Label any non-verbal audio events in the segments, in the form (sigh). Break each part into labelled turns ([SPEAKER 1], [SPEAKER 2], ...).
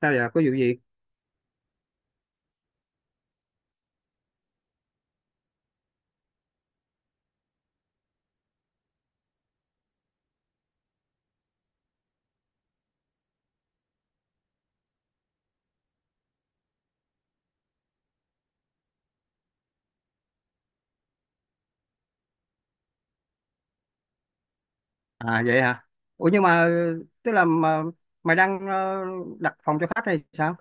[SPEAKER 1] Sao vậy? Có vụ gì? À, vậy hả? Ủa nhưng mà tức là mà, mày đang đặt phòng cho khách hay sao?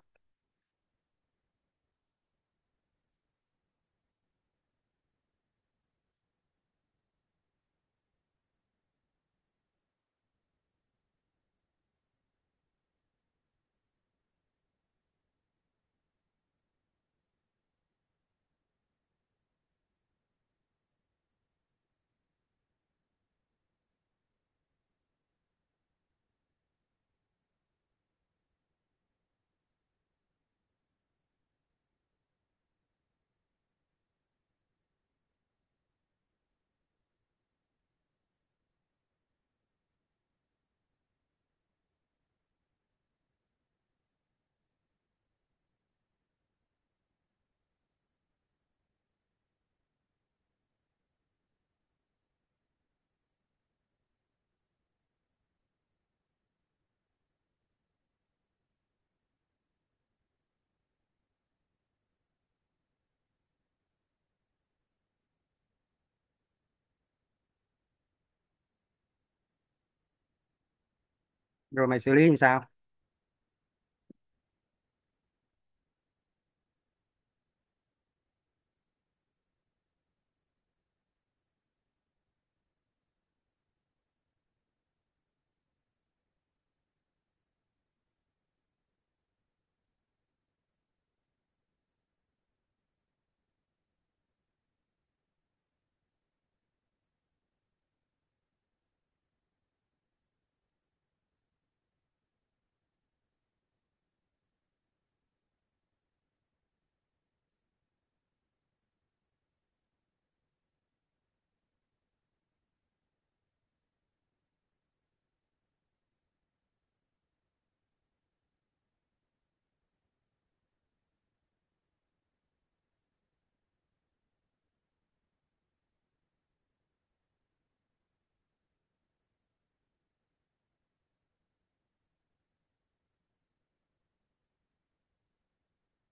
[SPEAKER 1] Rồi mày xử lý như sao?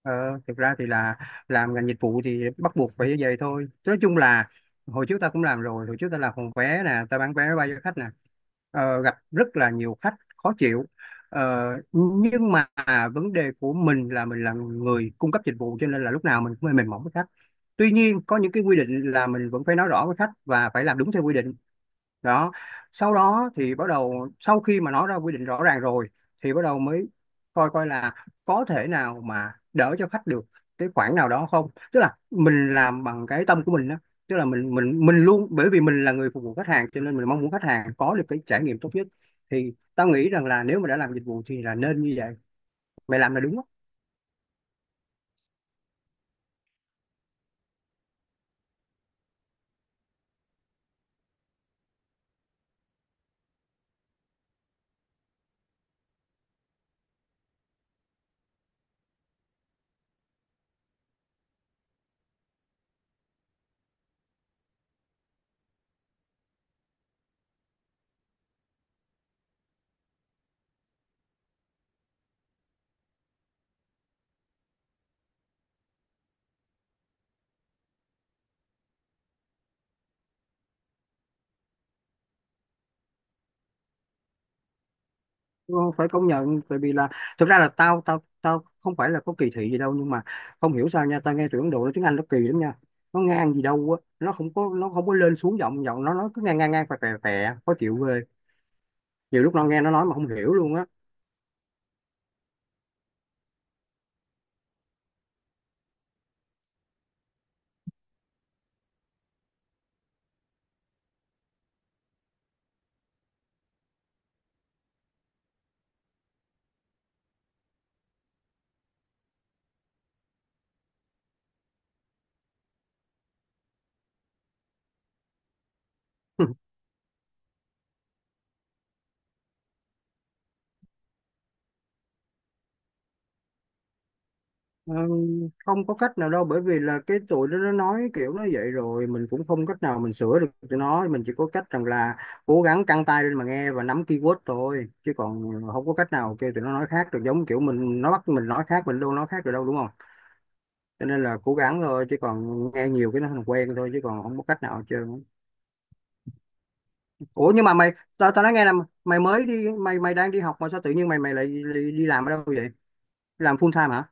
[SPEAKER 1] ờ, Thực ra thì là làm ngành dịch vụ thì bắt buộc phải như vậy thôi, nói chung là hồi trước ta cũng làm rồi, hồi trước ta làm phòng vé nè, ta bán vé máy bay cho khách nè. Gặp rất là nhiều khách khó chịu. Ờ, nhưng mà vấn đề của mình là người cung cấp dịch vụ, cho nên là lúc nào mình cũng hơi mềm mỏng với khách. Tuy nhiên có những cái quy định là mình vẫn phải nói rõ với khách và phải làm đúng theo quy định đó. Sau đó thì bắt đầu, sau khi mà nó ra quy định rõ ràng rồi thì bắt đầu mới coi coi là có thể nào mà đỡ cho khách được cái khoản nào đó không, tức là mình làm bằng cái tâm của mình đó. Tức là mình mình luôn, bởi vì mình là người phục vụ khách hàng cho nên mình mong muốn khách hàng có được cái trải nghiệm tốt nhất. Thì tao nghĩ rằng là nếu mà đã làm dịch vụ thì là nên như vậy, mày làm là đúng. Ờ, Phải công nhận, tại vì là thực ra là tao tao tao không phải là có kỳ thị gì đâu, nhưng mà không hiểu sao nha, tao nghe tụi Ấn Độ nói tiếng Anh nó kỳ lắm nha, nó ngang gì đâu á, nó không có lên xuống giọng giọng nó cứ ngang ngang ngang, phè phè phè, khó chịu ghê, nhiều lúc nó nghe nó nói mà không hiểu luôn á. Ờ, Không có cách nào đâu, bởi vì là cái tụi nó nói kiểu nó vậy rồi, mình cũng không cách nào mình sửa được tụi nó, mình chỉ có cách rằng là cố gắng căng tai lên mà nghe và nắm keyword thôi, chứ còn không có cách nào kêu tụi nó nói khác được, giống kiểu mình, nó bắt mình nói khác mình đâu nói khác được đâu, đúng không? Cho nên là cố gắng thôi, chứ còn nghe nhiều cái nó thành quen thôi, chứ còn không có cách nào hết trơn. Ủa nhưng mà mày tao tao nói nghe là, mày mới đi, mày mày đang đi học mà sao tự nhiên mày mày lại đi làm ở đâu vậy? Làm full time hả?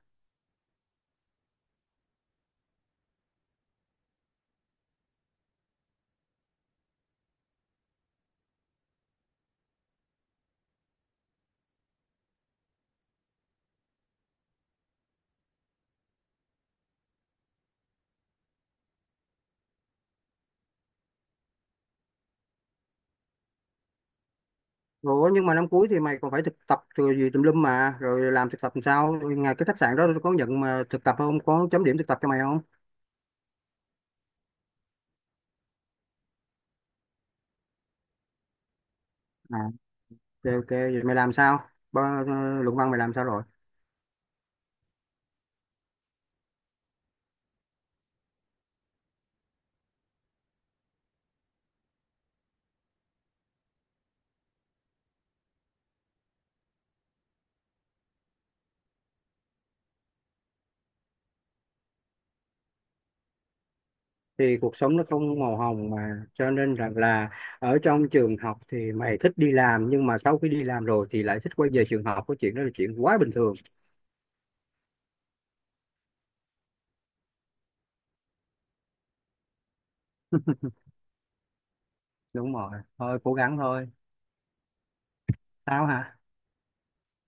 [SPEAKER 1] Ủa nhưng mà năm cuối thì mày còn phải thực tập rồi gì tùm lum mà, rồi làm thực tập làm sao, ngày cái khách sạn đó có nhận mà thực tập không, có chấm điểm thực tập cho mày không? À, ok ok, vậy mày làm sao? Ba, luận văn mày làm sao rồi? Thì cuộc sống nó không màu hồng mà, cho nên rằng là ở trong trường học thì mày thích đi làm, nhưng mà sau khi đi làm rồi thì lại thích quay về trường học, cái chuyện đó là chuyện quá bình thường. Đúng rồi, thôi cố gắng thôi. Tao hả?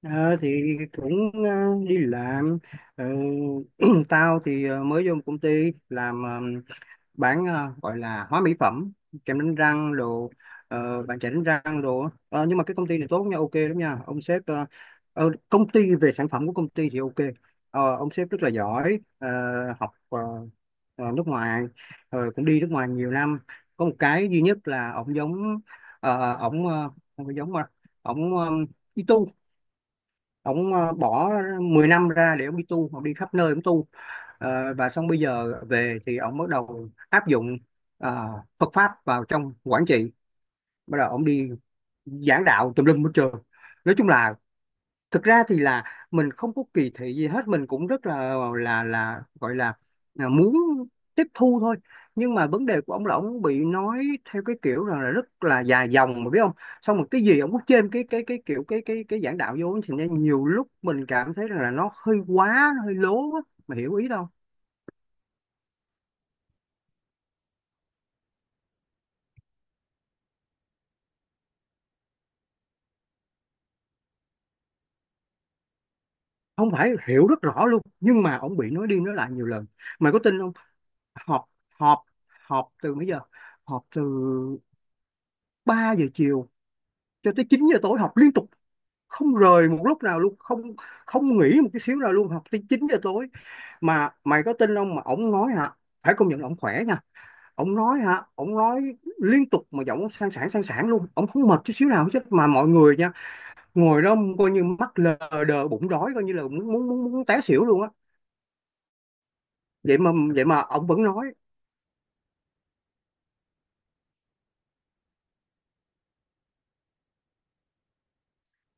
[SPEAKER 1] Ờ, thì cũng đi làm. Ờ, (clears throat) Tao thì mới vô công ty làm, bán, gọi là hóa mỹ phẩm, kem đánh răng đồ, bàn chải đánh răng đồ á. Ờ, nhưng mà cái công ty này tốt nha, ok lắm nha, ông sếp công ty, về sản phẩm của công ty thì ok. Ông sếp rất là giỏi, học nước ngoài, rồi cũng đi nước ngoài nhiều năm. Có một cái duy nhất là ổng giống ổng không phải giống mà ổng ông bỏ 10 năm ra để ông đi tu, ông đi khắp nơi ông tu. Và xong bây giờ về thì ông bắt đầu áp dụng ờ, Phật pháp vào trong quản trị, bắt đầu ông đi giảng đạo tùm lum hết trơn. Nói chung là thực ra thì là mình không có kỳ thị gì hết, mình cũng rất là gọi là muốn tiếp thu thôi. Nhưng mà vấn đề của ông là ông bị nói theo cái kiểu rằng là rất là dài dòng, mà biết không, xong một cái gì ông cứ trên cái kiểu cái giảng đạo vô, thì nên nhiều lúc mình cảm thấy rằng là nó hơi quá, nó hơi lố á, mà hiểu ý đâu. Không phải, hiểu rất rõ luôn, nhưng mà ông bị nói đi nói lại nhiều lần, mày có tin không? Họp, họp, họp từ mấy giờ? Họp từ 3 giờ chiều cho tới 9 giờ tối, họp liên tục, không rời một lúc nào luôn, không không nghỉ một cái xíu nào luôn, học tới 9 giờ tối, mà mày có tin không? Mà ổng nói hả, phải công nhận là ổng khỏe nha, ổng nói hả, ổng nói liên tục, mà giọng ổng sang sảng luôn, ổng không mệt chút xíu nào hết, mà mọi người nha, ngồi đó coi như mắt lờ đờ bụng đói, coi như là muốn muốn té xỉu luôn á. Vậy mà vậy mà ổng vẫn nói.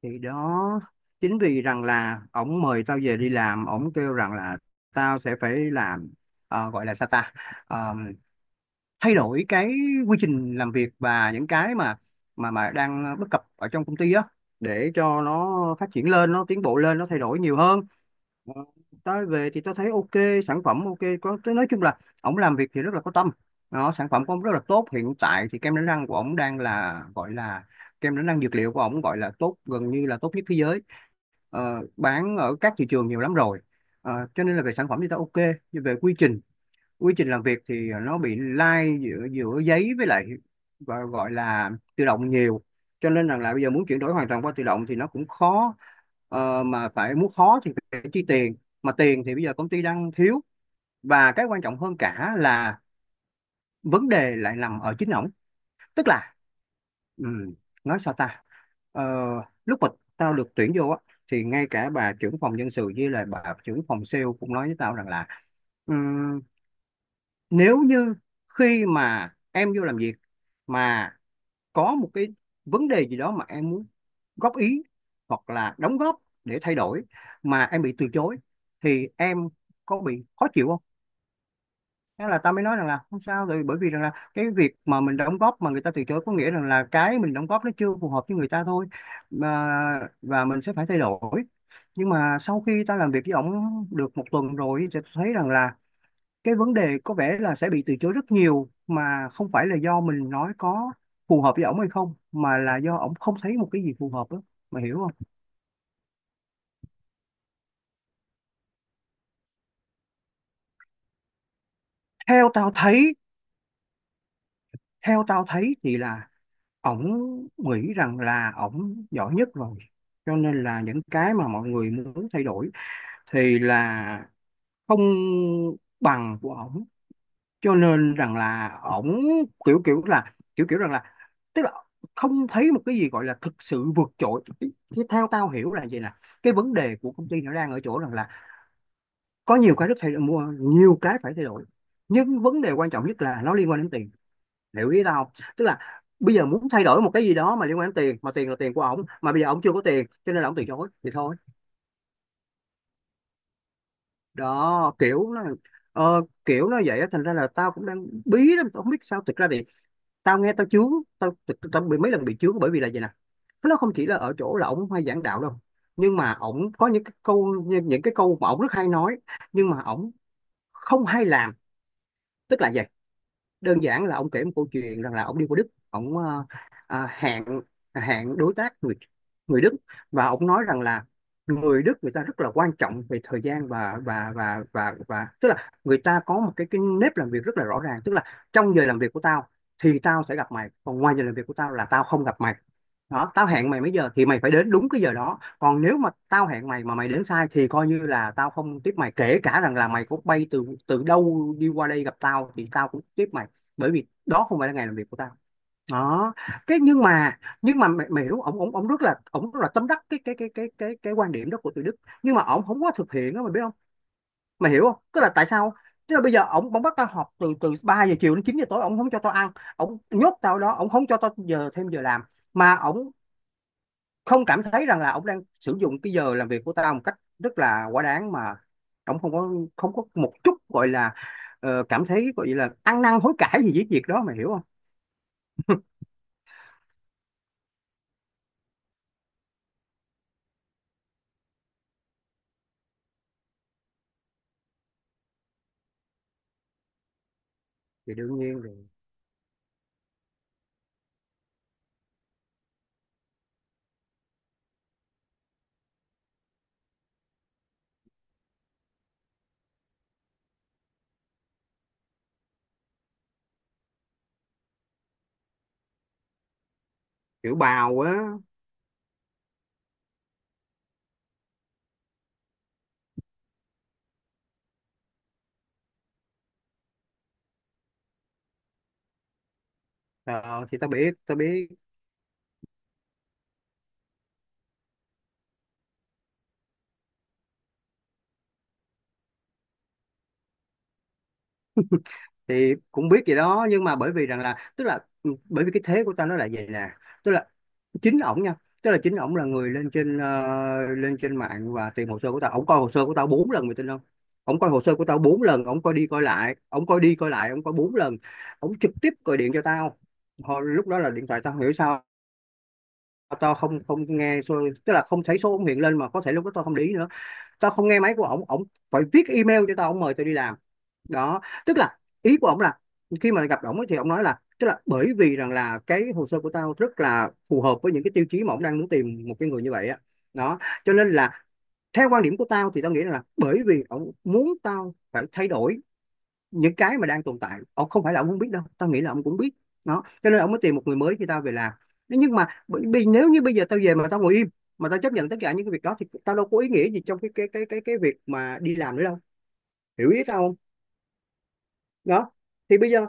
[SPEAKER 1] Thì đó, chính vì rằng là ổng mời tao về đi làm, ổng kêu rằng là tao sẽ phải làm, gọi là sao ta, Ờ, thay đổi cái quy trình làm việc và những cái mà đang bất cập ở trong công ty á, để cho nó phát triển lên, nó tiến bộ lên, nó thay đổi nhiều hơn. Ờ, Tới về thì tôi thấy ok, sản phẩm ok, có tôi nói chung là ổng làm việc thì rất là có tâm, nó sản phẩm của ổng rất là tốt, hiện tại thì kem đánh răng của ổng đang là gọi là kem đánh răng dược liệu của ổng gọi là tốt gần như là tốt nhất thế giới. Bán ở các thị trường nhiều lắm rồi. Cho nên là về sản phẩm thì ta ok, nhưng về quy trình, quy trình làm việc thì nó bị lai giữa giữa giấy với lại gọi là tự động nhiều, cho nên rằng là bây giờ muốn chuyển đổi hoàn toàn qua tự động thì nó cũng khó, mà phải muốn khó thì phải chi tiền, mà tiền thì bây giờ công ty đang thiếu. Và cái quan trọng hơn cả là vấn đề lại nằm ở chính ổng. Tức là ừm, nói sao ta, Ờ, lúc mà tao được tuyển vô á thì ngay cả bà trưởng phòng nhân sự với lại bà trưởng phòng sale cũng nói với tao rằng là: nếu như khi mà em vô làm việc mà có một cái vấn đề gì đó mà em muốn góp ý hoặc là đóng góp để thay đổi mà em bị từ chối thì em có bị khó chịu không? Thế là ta mới nói rằng là không sao rồi, bởi vì rằng là cái việc mà mình đóng góp mà người ta từ chối có nghĩa rằng là cái mình đóng góp nó chưa phù hợp với người ta thôi, mà và mình sẽ phải thay đổi. Nhưng mà sau khi ta làm việc với ổng được một tuần rồi thì ta thấy rằng là cái vấn đề có vẻ là sẽ bị từ chối rất nhiều, mà không phải là do mình nói có phù hợp với ổng hay không, mà là do ổng không thấy một cái gì phù hợp đó, mà hiểu không? Theo tao thấy, theo tao thấy thì là ổng nghĩ rằng là ổng giỏi nhất rồi. Cho nên là những cái mà mọi người muốn thay đổi thì là không bằng của ổng, cho nên rằng là ổng kiểu kiểu là kiểu kiểu rằng là, tức là không thấy một cái gì gọi là thực sự vượt trội. Chứ theo tao hiểu là vậy nè, cái vấn đề của công ty nó đang ở chỗ rằng là có nhiều cái rất thay đổi, mua nhiều cái phải thay đổi, nhưng vấn đề quan trọng nhất là nó liên quan đến tiền, hiểu ý tao không? Tức là bây giờ muốn thay đổi một cái gì đó mà liên quan đến tiền, mà tiền là tiền của ổng, mà bây giờ ổng chưa có tiền cho nên là ổng từ chối thì thôi. Đó kiểu nó kiểu nó vậy á, thành ra là tao cũng đang bí lắm, tao không biết sao. Thực ra thì tao nghe tao chướng. Tao bị mấy lần bị chướng, bởi vì là vậy nè, nó không chỉ là ở chỗ là ổng hay giảng đạo đâu, nhưng mà ổng có những cái câu, những cái câu mà ổng rất hay nói, nhưng mà ổng không hay làm. Tức là vậy. Đơn giản là ông kể một câu chuyện rằng là ông đi qua Đức, ông hẹn, hẹn đối tác người, người Đức. Và ông nói rằng là người Đức người ta rất là quan trọng về thời gian, và tức là người ta có một cái nếp làm việc rất là rõ ràng, tức là trong giờ làm việc của tao thì tao sẽ gặp mày, còn ngoài giờ làm việc của tao là tao không gặp mày. Đó, tao hẹn mày mấy giờ thì mày phải đến đúng cái giờ đó, còn nếu mà tao hẹn mày mà mày đến sai thì coi như là tao không tiếp mày, kể cả rằng là mày có bay từ từ đâu đi qua đây gặp tao thì tao cũng tiếp mày, bởi vì đó không phải là ngày làm việc của tao. Đó cái nhưng mà nhưng mà mày hiểu, ổng ổng ổng rất là, ổng rất là tâm đắc cái quan điểm đó của tụi Đức, nhưng mà ổng không có thực hiện đó, mày biết không, mày hiểu không, tức là tại sao. Tức là bây giờ ổng, ổng bắt tao họp từ từ 3 giờ chiều đến 9 giờ tối, ổng không cho tao ăn, ổng nhốt tao đó, ổng không cho tao giờ thêm giờ làm, mà ổng không cảm thấy rằng là ông đang sử dụng cái giờ làm việc của tao một cách rất là quá đáng, mà ông không có, không có một chút gọi là cảm thấy gọi là ăn năn hối cải gì với việc đó, mày hiểu không. Thì đương nhiên rồi. Kiểu bào á. Ờ, thì tao biết, tao biết thì cũng biết gì đó, nhưng mà bởi vì rằng là, tức là ừ, bởi vì cái thế của tao nó là vậy nè. Tức là chính ổng nha, tức là chính ổng là người lên trên lên trên mạng và tìm hồ sơ của tao, ổng coi hồ sơ của tao bốn lần, mày tin không. Ổng coi hồ sơ của tao bốn lần, ổng coi đi coi lại, ổng coi đi coi lại, ổng coi bốn lần. Ổng trực tiếp gọi điện cho tao. Hồi, lúc đó là điện thoại tao không hiểu sao, tao không không nghe số, tức là không thấy số ổng hiện lên, mà có thể lúc đó tao không để ý nữa. Tao không nghe máy của ổng, ổng phải viết email cho tao, ổng mời tao đi làm. Đó, tức là ý của ông là khi mà gặp ổng ấy thì ông nói là, tức là bởi vì rằng là cái hồ sơ của tao rất là phù hợp với những cái tiêu chí mà ông đang muốn tìm một cái người như vậy á. Đó cho nên là theo quan điểm của tao thì tao nghĩ là bởi vì ông muốn tao phải thay đổi những cái mà đang tồn tại. Ông không phải là ổng không biết đâu, tao nghĩ là ông cũng biết đó, cho nên ông mới tìm một người mới khi tao về làm. Thế nhưng mà bởi vì nếu như bây giờ tao về mà tao ngồi im, mà tao chấp nhận tất cả những cái việc đó, thì tao đâu có ý nghĩa gì trong cái việc mà đi làm nữa đâu, hiểu ý tao không. Đó thì bây giờ.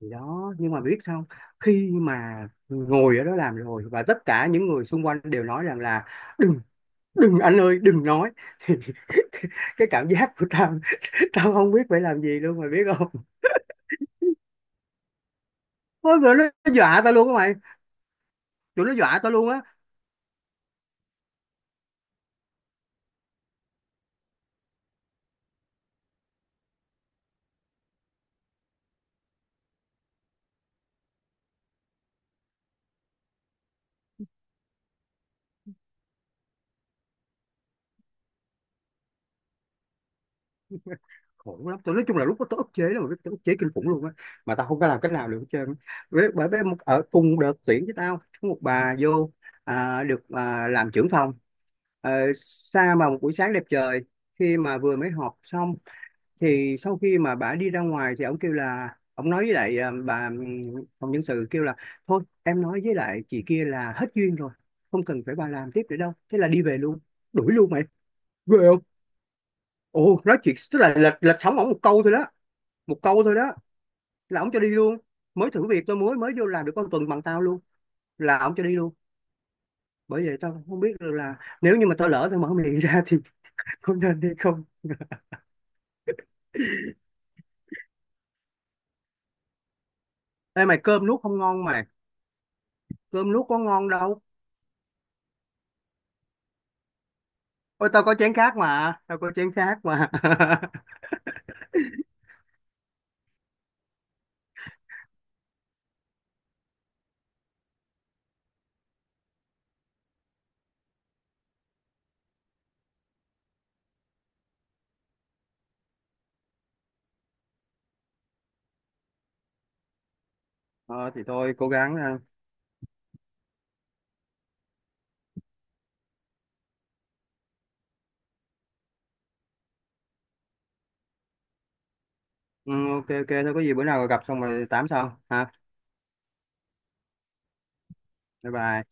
[SPEAKER 1] Thì đó nhưng mà biết sao, khi mà ngồi ở đó làm rồi và tất cả những người xung quanh đều nói rằng là đừng, đừng anh ơi, đừng nói thì (laughs) cái cảm giác của tao, tao không biết phải làm gì luôn, mày biết không. Ôi, tụi nó dọa tao luôn á mày, tụi nó dọa tao luôn á. Khổ lắm, tụi nói chung là lúc đó tao ức chế lắm, mày biết, tao ức chế kinh khủng luôn á, mà tao không có làm cách nào được hết trơn á. Với bởi bởi một ở cùng đợt tuyển với tao có một bà vô, được, làm trưởng phòng. Ờ, xa mà một buổi sáng đẹp trời, khi mà vừa mới họp xong, thì sau khi mà bà đi ra ngoài thì ông kêu là, ông nói với lại à, bà phòng nhân sự kêu là thôi em nói với lại chị kia là hết duyên rồi, không cần phải bà làm tiếp nữa đâu, thế là đi về luôn. Đuổi luôn mày, ghê không. Ồ nói chuyện tức là lệch lệch sóng ổng một câu thôi đó, một câu thôi đó là ổng cho đi luôn. Mới thử việc, tôi mới mới vô làm được con tuần bằng tao luôn, là ổng cho đi luôn. Bởi vậy tao không biết được là nếu như mà tao lỡ tao mở miệng ra thì (laughs) có nên hay không. Ê mày, cơm nuốt không ngon mày, cơm nuốt có ngon đâu. Ôi tao có chén khác mà, tao có chén khác mà. (laughs) Ờ thì thôi cố gắng ha. Ừ, ok ok, thôi có gì bữa nào gặp xong rồi tám sau ha. Bye bye.